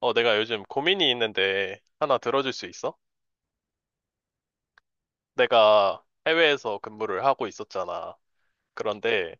내가 요즘 고민이 있는데 하나 들어줄 수 있어? 내가 해외에서 근무를 하고 있었잖아. 그런데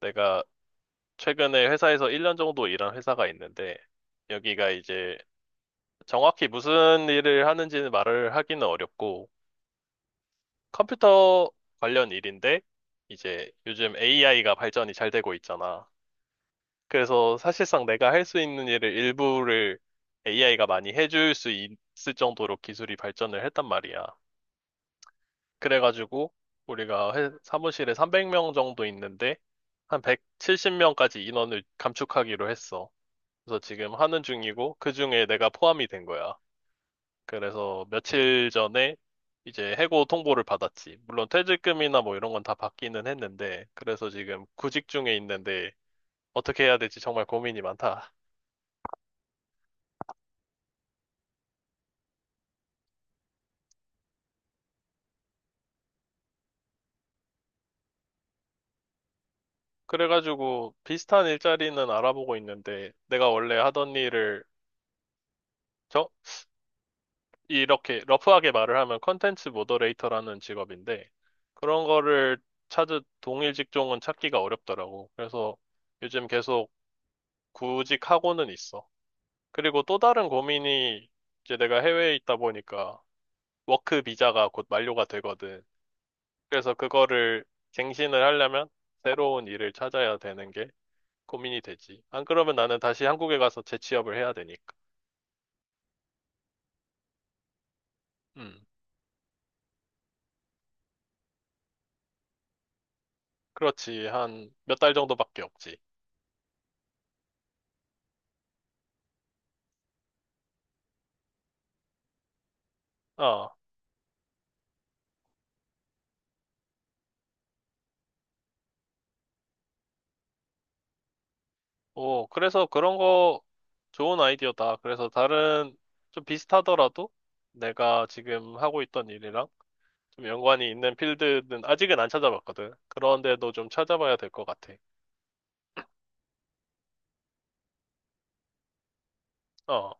내가 최근에 회사에서 1년 정도 일한 회사가 있는데 여기가 이제 정확히 무슨 일을 하는지는 말을 하기는 어렵고 컴퓨터 관련 일인데 이제 요즘 AI가 발전이 잘 되고 있잖아. 그래서 사실상 내가 할 수 있는 일을 일부를 AI가 많이 해줄 수 있을 정도로 기술이 발전을 했단 말이야. 그래가지고 우리가 사무실에 300명 정도 있는데 한 170명까지 인원을 감축하기로 했어. 그래서 지금 하는 중이고 그중에 내가 포함이 된 거야. 그래서 며칠 전에 이제 해고 통보를 받았지. 물론 퇴직금이나 뭐 이런 건 다 받기는 했는데 그래서 지금 구직 중에 있는데 어떻게 해야 될지 정말 고민이 많다. 그래가지고 비슷한 일자리는 알아보고 있는데 내가 원래 하던 일을 이렇게 러프하게 말을 하면 컨텐츠 모더레이터라는 직업인데 그런 거를 찾은 동일 직종은 찾기가 어렵더라고. 그래서 요즘 계속 구직하고는 있어. 그리고 또 다른 고민이 이제 내가 해외에 있다 보니까 워크 비자가 곧 만료가 되거든. 그래서 그거를 갱신을 하려면 새로운 일을 찾아야 되는 게 고민이 되지. 안 그러면 나는 다시 한국에 가서 재취업을 해야 되니까. 음, 그렇지. 한 몇 달 정도밖에 없지. 어. 오, 그래서 그런 거 좋은 아이디어다. 그래서 다른 좀 비슷하더라도 내가 지금 하고 있던 일이랑 좀 연관이 있는 필드는 아직은 안 찾아봤거든. 그런데도 좀 찾아봐야 될 것 같아. 어,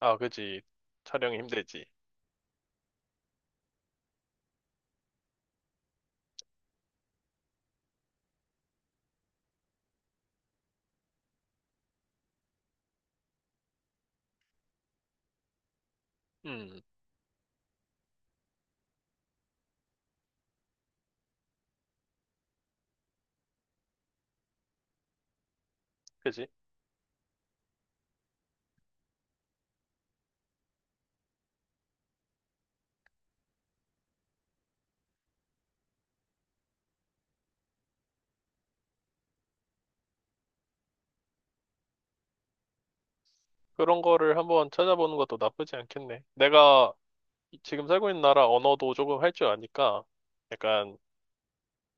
아, 그지. 촬영이 힘들지. 음, 그지. 그런 거를 한번 찾아보는 것도 나쁘지 않겠네. 내가 지금 살고 있는 나라 언어도 조금 할 줄 아니까 약간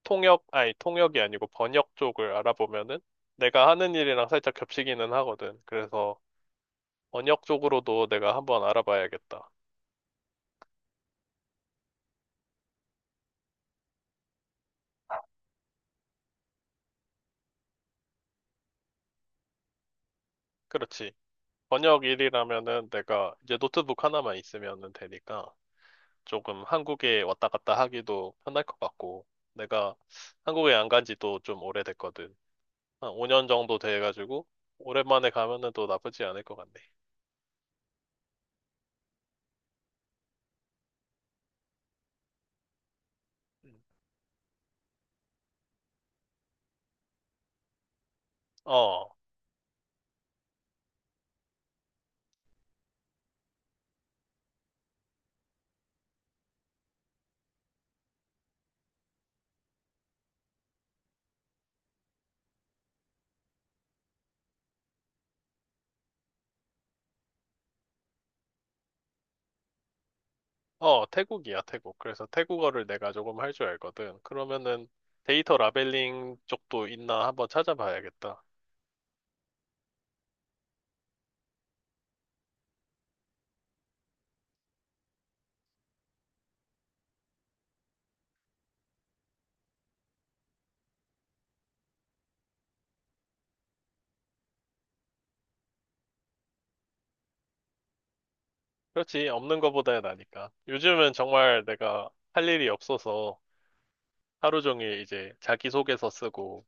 통역, 아니, 통역이 아니고 번역 쪽을 알아보면은 내가 하는 일이랑 살짝 겹치기는 하거든. 그래서 번역 쪽으로도 내가 한번 알아봐야겠다. 그렇지. 번역 일이라면은 내가 이제 노트북 하나만 있으면은 되니까 조금 한국에 왔다 갔다 하기도 편할 것 같고 내가 한국에 안 간 지도 좀 오래됐거든. 한 5년 정도 돼가지고 오랜만에 가면은 또 나쁘지 않을 것 같네. 음. 어, 어, 태국이야, 태국. 그래서 태국어를 내가 조금 할 줄 알거든. 그러면은 데이터 라벨링 쪽도 있나 한번 찾아봐야겠다. 그렇지. 없는 것보다야 나니까. 요즘은 정말 내가 할 일이 없어서 하루 종일 이제 자기소개서 쓰고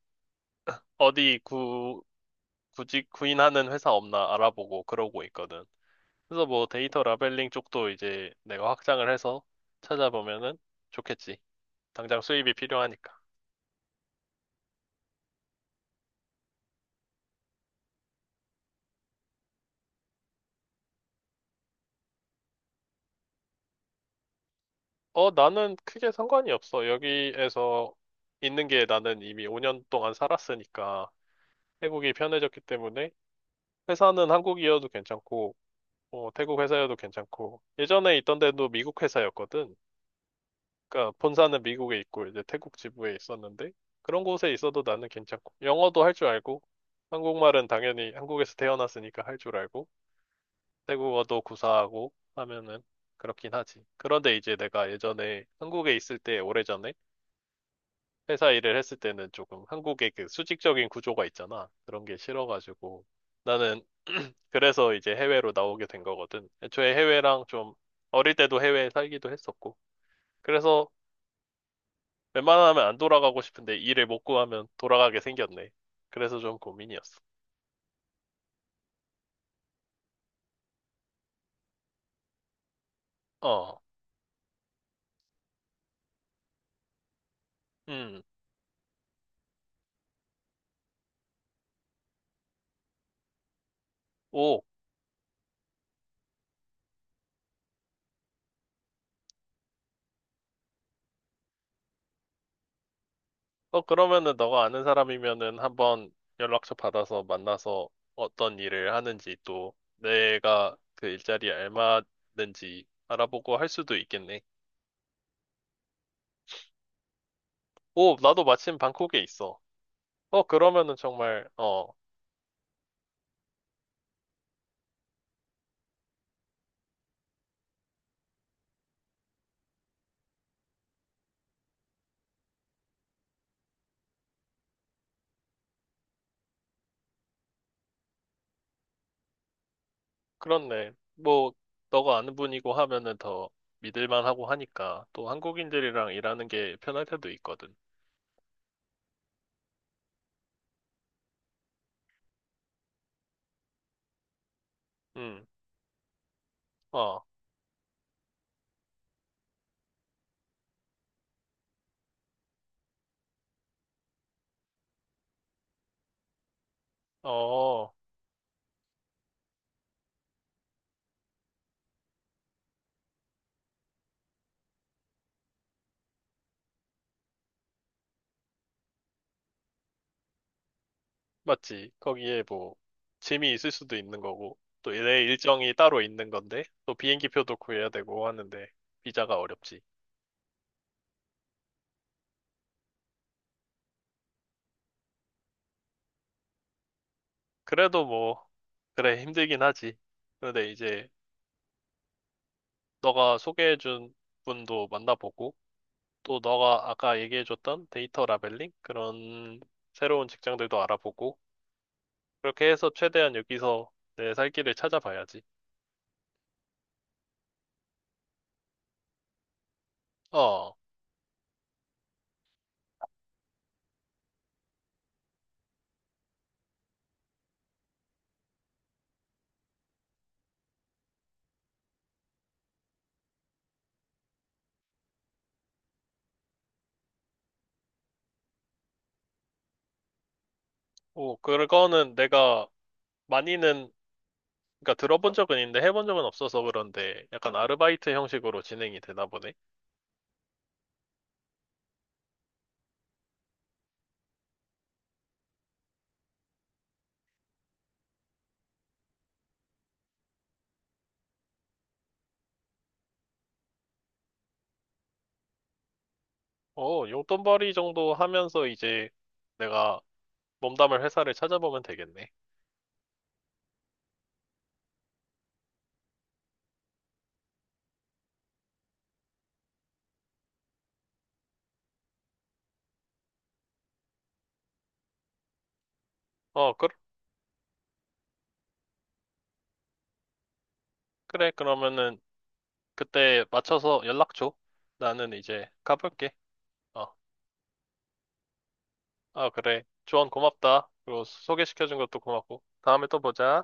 어디 구직, 구인하는 회사 없나 알아보고 그러고 있거든. 그래서 뭐 데이터 라벨링 쪽도 이제 내가 확장을 해서 찾아보면은 좋겠지. 당장 수입이 필요하니까. 어, 나는 크게 상관이 없어. 여기에서 있는 게 나는 이미 5년 동안 살았으니까 태국이 편해졌기 때문에 회사는 한국이어도 괜찮고 뭐 태국 회사여도 괜찮고 예전에 있던 데도 미국 회사였거든. 그러니까 본사는 미국에 있고 이제 태국 지부에 있었는데 그런 곳에 있어도 나는 괜찮고 영어도 할 줄 알고 한국말은 당연히 한국에서 태어났으니까 할 줄 알고 태국어도 구사하고 하면은 그렇긴 하지. 그런데 이제 내가 예전에 한국에 있을 때 오래전에 회사 일을 했을 때는 조금 한국의 그 수직적인 구조가 있잖아. 그런 게 싫어가지고 나는 그래서 이제 해외로 나오게 된 거거든. 애초에 해외랑 좀 어릴 때도 해외에 살기도 했었고. 그래서 웬만하면 안 돌아가고 싶은데 일을 못 구하면 돌아가게 생겼네. 그래서 좀 고민이었어. 어, 음. 오, 어, 그러면은 너가 아는 사람이면은 한번 연락처 받아서 만나서 어떤 일을 하는지 또 내가 그 일자리에 알맞는지 알아보고 할 수도 있겠네. 오, 나도 마침 방콕에 있어. 어, 그러면은 정말, 그렇네. 뭐, 너가 아는 분이고 하면은 더 믿을만 하고 하니까 또 한국인들이랑 일하는 게 편할 때도 있거든. 음, 어, 어. 맞지? 거기에 뭐 짐이 있을 수도 있는 거고 또 내 일정이 따로 있는 건데 또 비행기 표도 구해야 되고 하는데 비자가 어렵지. 그래도 뭐 그래 힘들긴 하지. 그런데 이제 너가 소개해준 분도 만나보고 또 너가 아까 얘기해줬던 데이터 라벨링 그런 새로운 직장들도 알아보고 그렇게 해서 최대한 여기서 내 살 길을 찾아봐야지. 어, 오, 그거는 내가 많이는 그러니까 들어본 적은 있는데 해본 적은 없어서 그런데 약간 아르바이트 형식으로 진행이 되나 보네. 어, 용돈벌이 정도 하면서 이제 내가 몸담을 회사를 찾아보면 되겠네. 어, 그래. 그러면은 그때 맞춰서 연락 줘. 나는 이제 가볼게. 어, 아, 그래. 조언 고맙다. 그리고 소개시켜준 것도 고맙고. 다음에 또 보자.